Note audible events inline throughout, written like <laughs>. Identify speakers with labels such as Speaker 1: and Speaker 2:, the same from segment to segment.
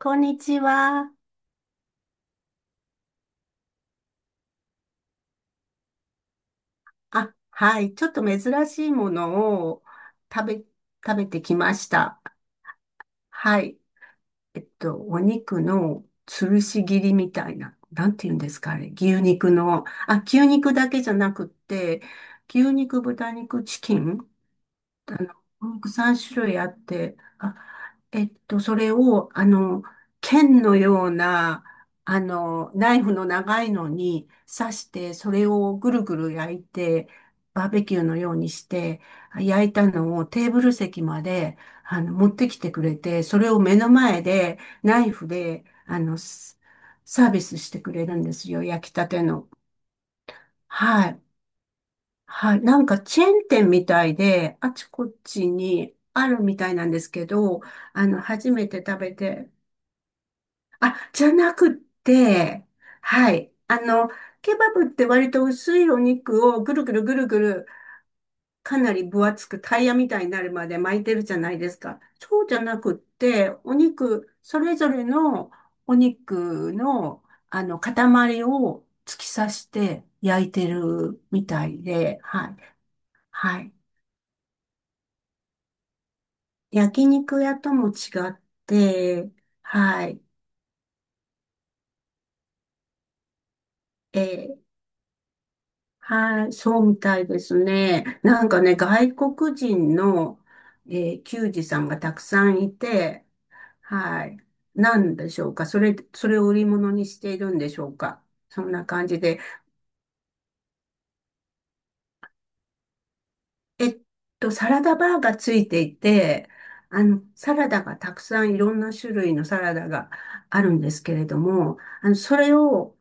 Speaker 1: こんにちは。あ、はい。ちょっと珍しいものを食べ、食べてきました。はい。お肉のつるし切りみたいな。なんて言うんですか、あれ。牛肉の。あ、牛肉だけじゃなくって、牛肉、豚肉、チキンあの、お肉3種類あって、あ、それを、剣のような、ナイフの長いのに刺して、それをぐるぐる焼いて、バーベキューのようにして、焼いたのをテーブル席まで、持ってきてくれて、それを目の前で、ナイフで、サービスしてくれるんですよ、焼きたての。はい。はい。なんかチェーン店みたいで、あちこちにあるみたいなんですけど、初めて食べて、あ、じゃなくって、はい。ケバブって割と薄いお肉をぐるぐるぐるぐる、かなり分厚くタイヤみたいになるまで巻いてるじゃないですか。そうじゃなくって、お肉、それぞれのお肉の、塊を突き刺して焼いてるみたいで、はい。はい。焼肉屋とも違って、はい。えーはい、そうみたいですね。なんかね、外国人の、え球児さんがたくさんいて、はい。なんでしょうか。それを売り物にしているんでしょうか。そんな感じで。えっサラダバーがついていて、サラダがたくさんいろんな種類のサラダがあるんですけれども、それを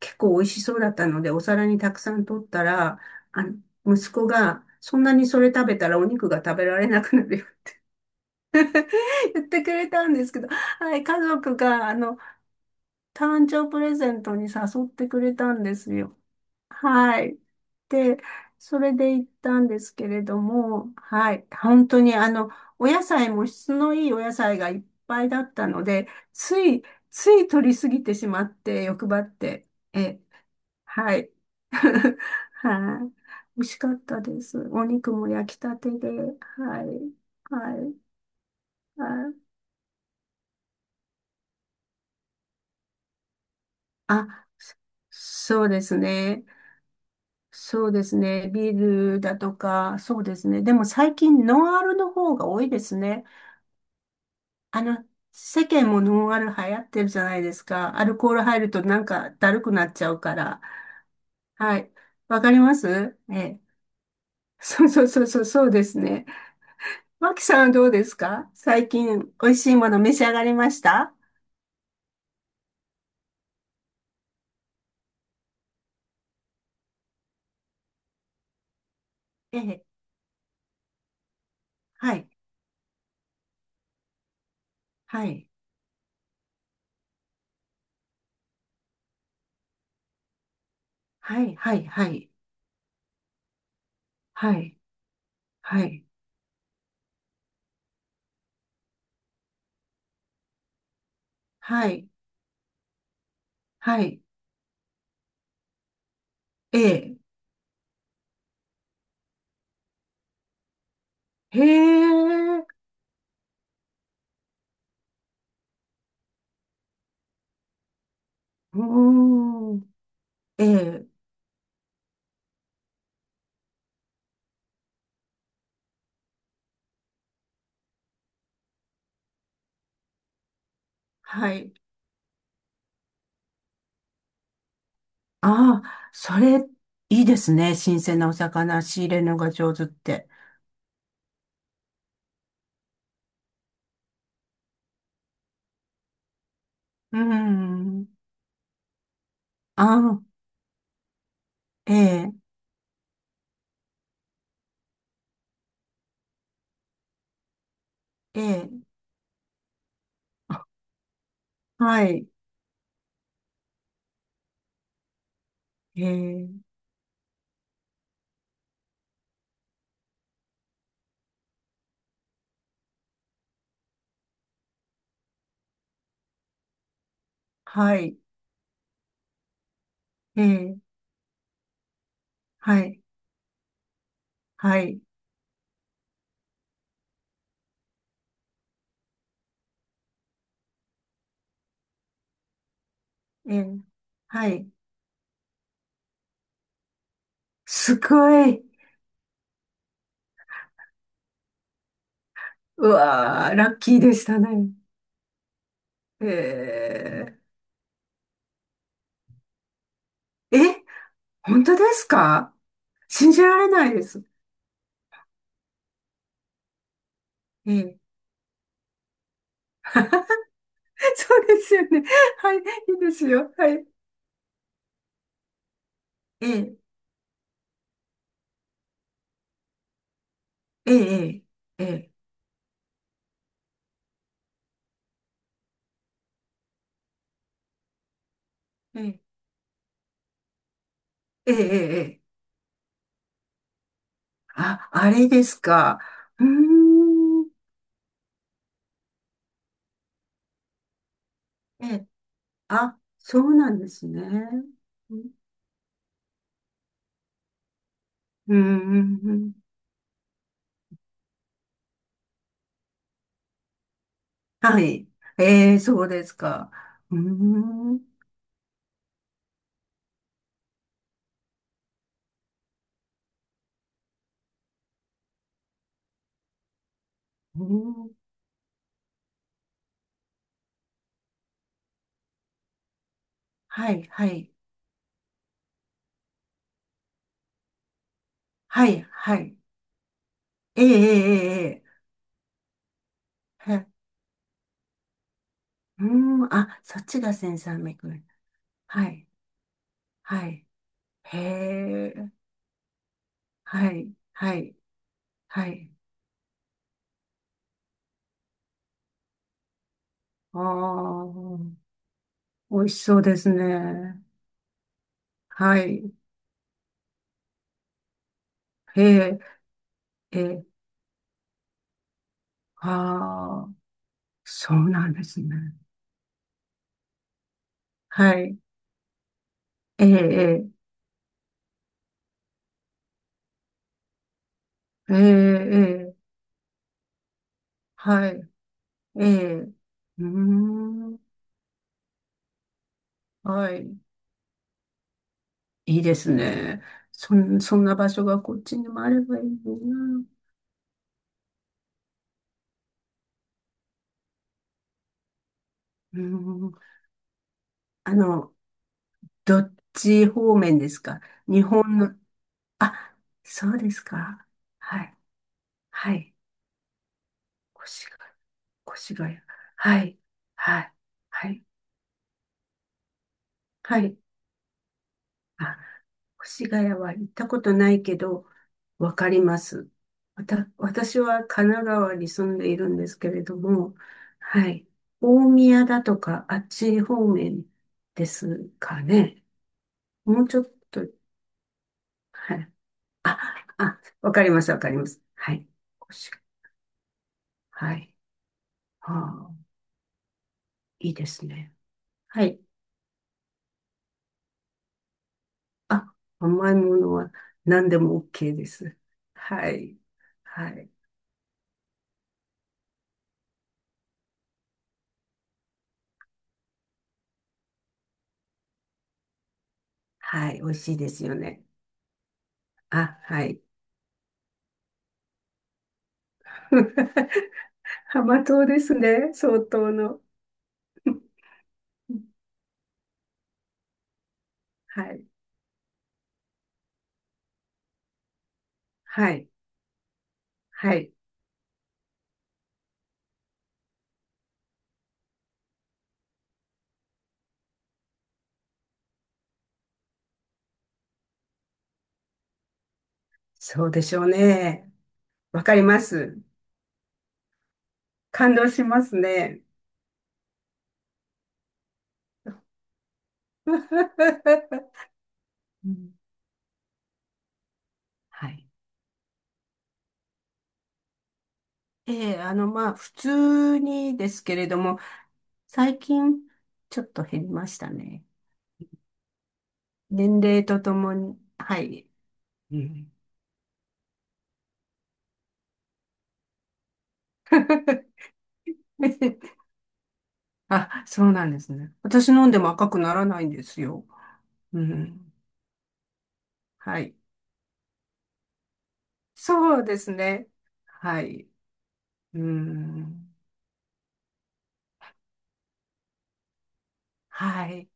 Speaker 1: 結構美味しそうだったので、お皿にたくさん取ったら、あの、息子が、そんなにそれ食べたらお肉が食べられなくなるよ <laughs> 言ってくれたんですけど、はい、家族が、誕生プレゼントに誘ってくれたんですよ。はい。で、それで行ったんですけれども、はい。本当にお野菜も質のいいお野菜がいっぱいだったので、つい、つい取りすぎてしまって、欲張って。え、はい。<laughs> はい。美味しかったです。お肉も焼きたてで。はい。はい。はい。あ、そうですね。そうですね。ビールだとか、そうですね。でも最近ノンアルの方が多いですね。あの、世間もノンアル流行ってるじゃないですか。アルコール入るとなんかだるくなっちゃうから。はい。わかりますええ。<laughs> そうそうそうそう、そうですね。マキさんはどうですか？最近美味しいもの召し上がりました？ええ。はい。はい。はい。はい。はい。はい。はい。はい。はい。ええ。へえ。うーん。ええ、はい。ああ、それ、いいですね。新鮮なお魚仕入れるのが上手って。うん。ああ、ええ、ええ、はい。ええ、はい。ええ、はい。はい。ええ、はい。すごい。うわー、ラッキーでしたね。ええ、え、本当ですか？信じられないです。ええ、<laughs> そうですよね。はい。いいですよ。はい。ええええ、ええ、ええ、ええ、ええ、あ、あれですか。うーん、ええ、あ、そうなんですね。うん、うん、うんうんはい。ええ、そうですか。うーん、うんはい、はい、はい、はい。ええ、ええ、ええ、えうーん、あ、そっちがセンサー300円。はい、はい。へえ、はい、はい、はい。ああ、美味しそうですね。はい。へえ、ええ、ああ、そうなんですね。はい。ええ、ええ、ええ、ええはい。ええ、うーん、はい。いいですね。そんな場所がこっちにもあればいいな。うーん、あの、どっち方面ですか？日本の、あ、そうですか。はい。はい。越谷、越谷。はい。はい。はい。はい。あ、越谷は行ったことないけど、わかります。私は神奈川に住んでいるんですけれども、はい。大宮だとか、あっち方面ですかね。もうちょっと、はい。あ、あ、わかります、わかります。はい。越谷はい。ああ、いいですね。はい。あ、甘いものは何でも OK です。はい。はい。はい。美味しいですよね。あ、はい。<laughs> 浜島ですね、相当の。はい、はい、はい。そうでしょうね。わかります。感動しますね。<laughs> うんはい。ええ、まあ、普通にですけれども、最近、ちょっと減りましたね。年齢とともに。はい。うん <laughs> あ、そうなんですね。私飲んでも赤くならないんですよ。うん。はい。そうですね。はい。うーん。はい。